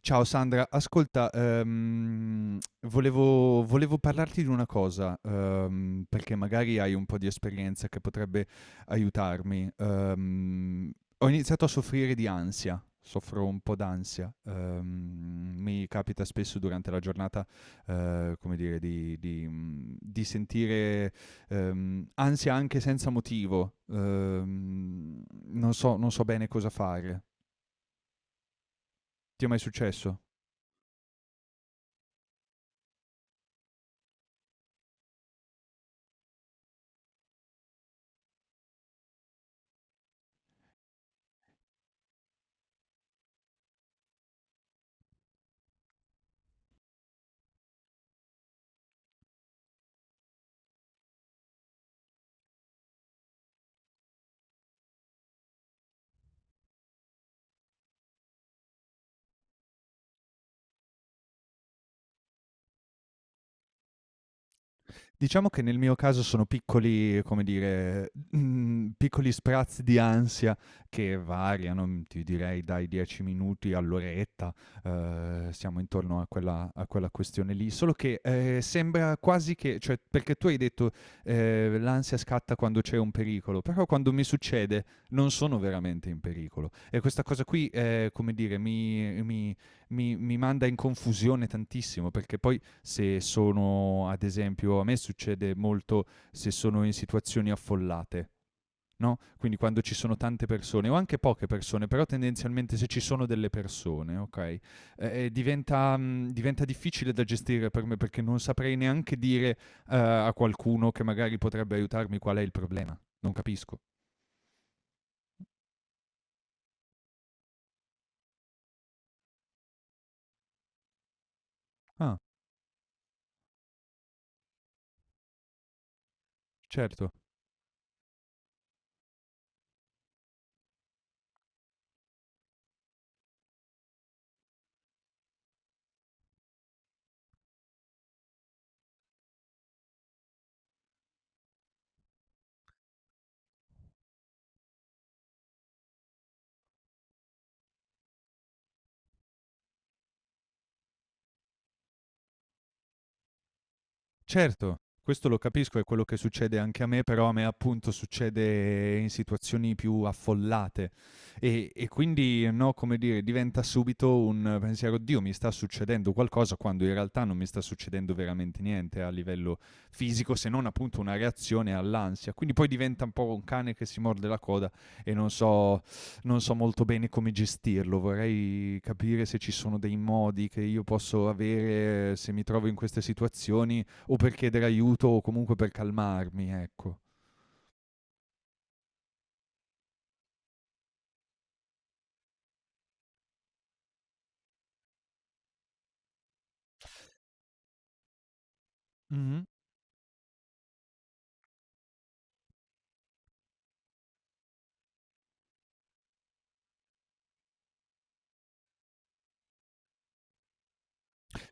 Ciao Sandra, ascolta, volevo parlarti di una cosa, perché magari hai un po' di esperienza che potrebbe aiutarmi. Ho iniziato a soffrire di ansia, soffro un po' d'ansia. Mi capita spesso durante la giornata, come dire, di sentire ansia anche senza motivo. Non so bene cosa fare. Ti è mai successo? Diciamo che nel mio caso sono piccoli, come dire, piccoli sprazzi di ansia che variano, ti direi dai 10 minuti all'oretta, siamo intorno a quella questione lì, solo che sembra quasi che, cioè, perché tu hai detto l'ansia scatta quando c'è un pericolo, però quando mi succede non sono veramente in pericolo e questa cosa qui, come dire, mi manda in confusione tantissimo, perché poi se sono, ad esempio, a me succede molto se sono in situazioni affollate, no? Quindi quando ci sono tante persone o anche poche persone, però tendenzialmente se ci sono delle persone, ok? Diventa, diventa difficile da gestire per me, perché non saprei neanche dire a qualcuno che magari potrebbe aiutarmi qual è il problema. Non capisco. Ah, certo. Certo, questo lo capisco, è quello che succede anche a me, però a me appunto succede in situazioni più affollate e quindi, no, come dire, diventa subito un pensiero: "Oddio, mi sta succedendo qualcosa", quando in realtà non mi sta succedendo veramente niente a livello fisico, se non appunto una reazione all'ansia. Quindi poi diventa un po' un cane che si morde la coda e non so molto bene come gestirlo. Vorrei capire se ci sono dei modi che io posso avere se mi trovo in queste situazioni, o per chiedere aiuto o comunque per calmarmi, ecco. Mhm.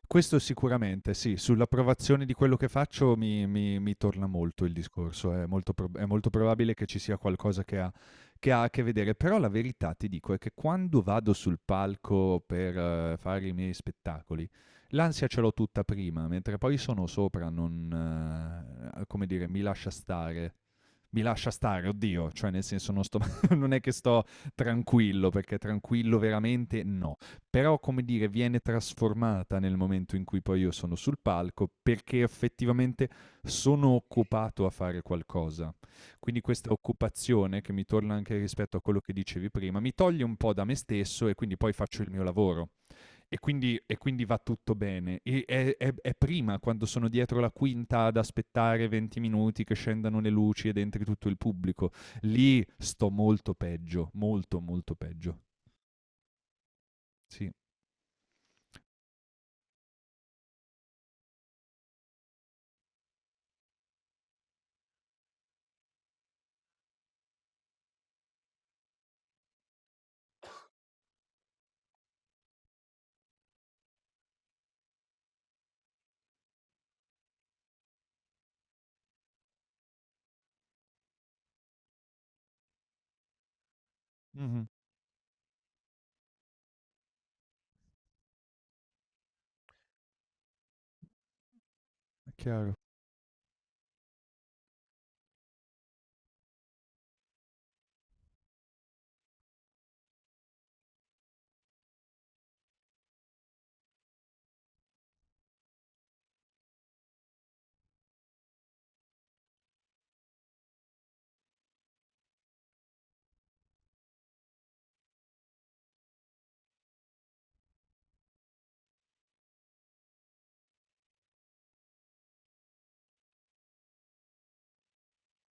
Questo sicuramente, sì, sull'approvazione di quello che faccio mi torna molto il discorso, è molto, è molto probabile che ci sia qualcosa che ha a che vedere, però la verità ti dico è che quando vado sul palco per fare i miei spettacoli, l'ansia ce l'ho tutta prima, mentre poi sono sopra, non, come dire, mi lascia stare. Mi lascia stare, oddio, cioè nel senso non, sto, non è che sto tranquillo, perché tranquillo veramente no, però come dire viene trasformata nel momento in cui poi io sono sul palco, perché effettivamente sono occupato a fare qualcosa. Quindi questa occupazione, che mi torna anche rispetto a quello che dicevi prima, mi toglie un po' da me stesso e quindi poi faccio il mio lavoro. E quindi va tutto bene. E è, è prima, quando sono dietro la quinta ad aspettare 20 minuti che scendano le luci ed entri tutto il pubblico. Lì sto molto peggio, molto, molto peggio. Sì, mhm, è chiaro.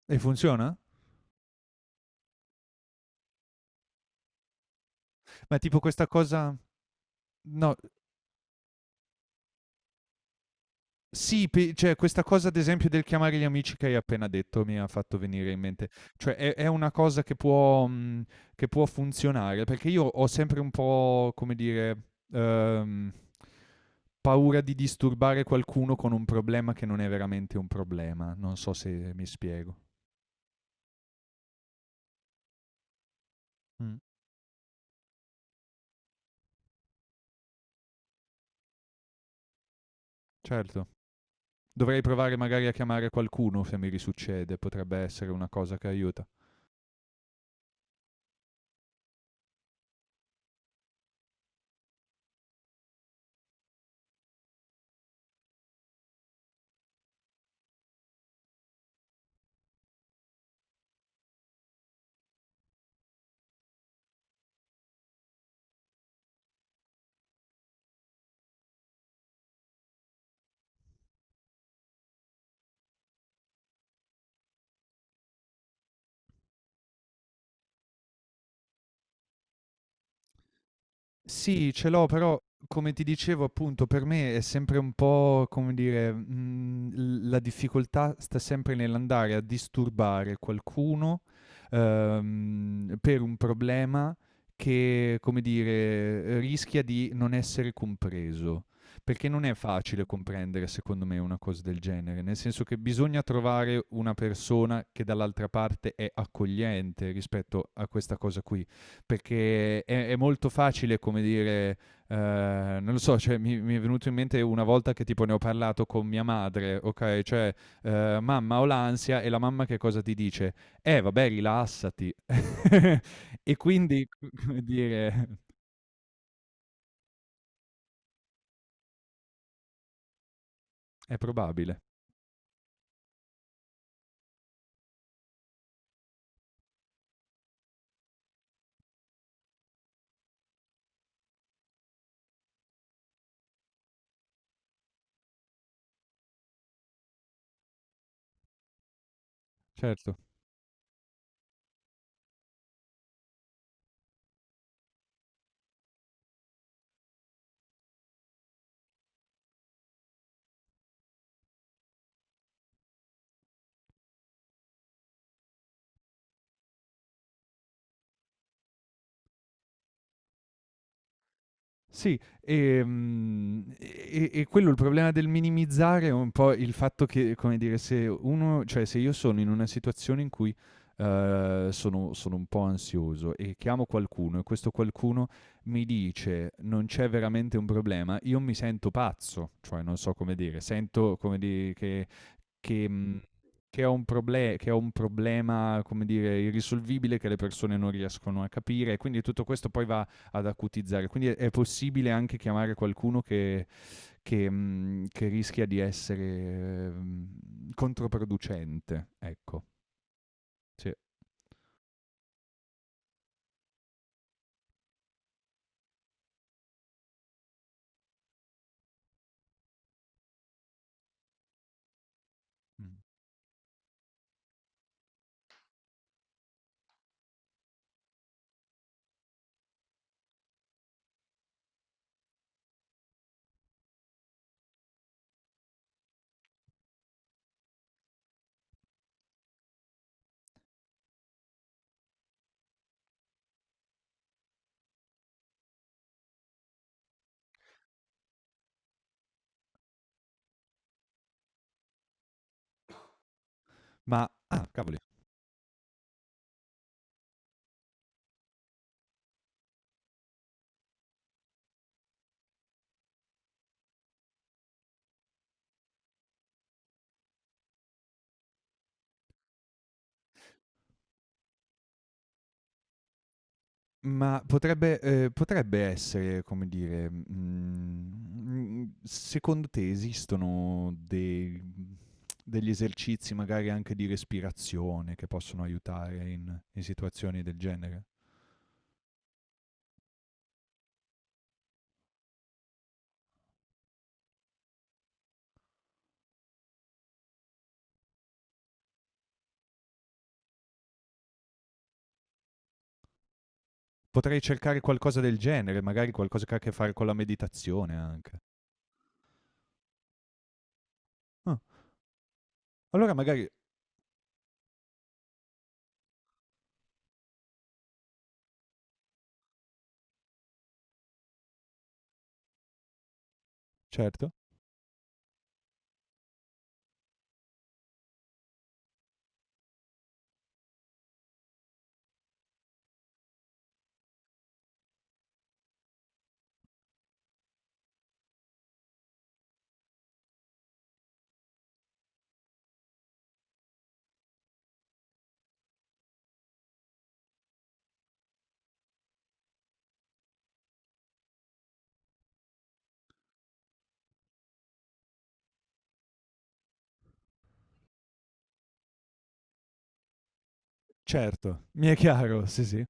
E funziona? Ma tipo questa cosa... No, sì, cioè questa cosa ad esempio del chiamare gli amici che hai appena detto mi ha fatto venire in mente. Cioè è una cosa che può funzionare, perché io ho sempre un po', come dire... ehm, paura di disturbare qualcuno con un problema che non è veramente un problema. Non so se mi spiego. Mm, certo. Dovrei provare magari a chiamare qualcuno se mi risuccede, potrebbe essere una cosa che aiuta. Sì, ce l'ho, però come ti dicevo appunto per me è sempre un po', come dire, l la difficoltà sta sempre nell'andare a disturbare qualcuno, per un problema che, come dire, rischia di non essere compreso. Perché non è facile comprendere secondo me una cosa del genere, nel senso che bisogna trovare una persona che dall'altra parte è accogliente rispetto a questa cosa qui, perché è molto facile, come dire, non lo so, cioè, mi è venuto in mente una volta che tipo ne ho parlato con mia madre, ok? Cioè, mamma ho l'ansia e la mamma che cosa ti dice? Vabbè, rilassati. E quindi, come dire, è probabile, certo. Sì, e quello il problema del minimizzare è un po' il fatto che, come dire, se uno cioè se io sono in una situazione in cui, sono un po' ansioso e chiamo qualcuno e questo qualcuno mi dice: "Non c'è veramente un problema", io mi sento pazzo, cioè non so come dire, sento come di che che mhmm, che ho un proble che ho un problema, come dire, irrisolvibile che le persone non riescono a capire, e quindi tutto questo poi va ad acutizzare. Quindi è possibile anche chiamare qualcuno che rischia di essere controproducente. Ecco, sì. Ma, ah, cavoli. Ma potrebbe, potrebbe essere, come dire, secondo te esistono dei, degli esercizi magari anche di respirazione che possono aiutare in, in situazioni del genere? Potrei cercare qualcosa del genere, magari qualcosa che ha a che fare con la meditazione anche. Ah, allora magari certo, certo, mi è chiaro, sì, sì,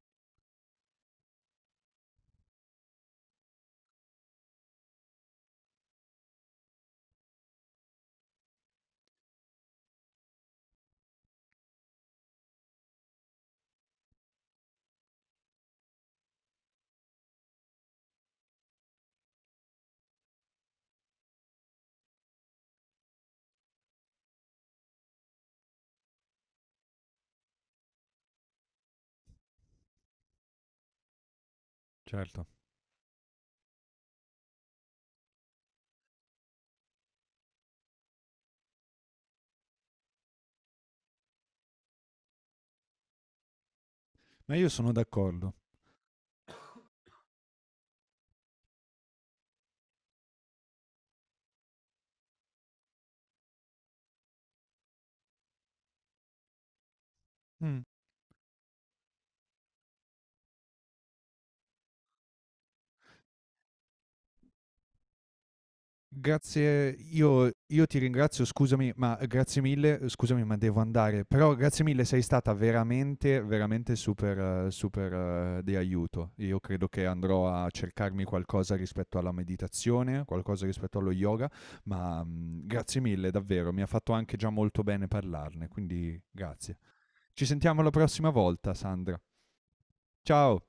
certo. Ma io sono d'accordo. Mm. Grazie, io ti ringrazio, scusami, ma grazie mille, scusami, ma devo andare. Però grazie mille, sei stata veramente, veramente super super di aiuto. Io credo che andrò a cercarmi qualcosa rispetto alla meditazione, qualcosa rispetto allo yoga, ma, grazie mille davvero, mi ha fatto anche già molto bene parlarne, quindi grazie. Ci sentiamo la prossima volta, Sandra. Ciao.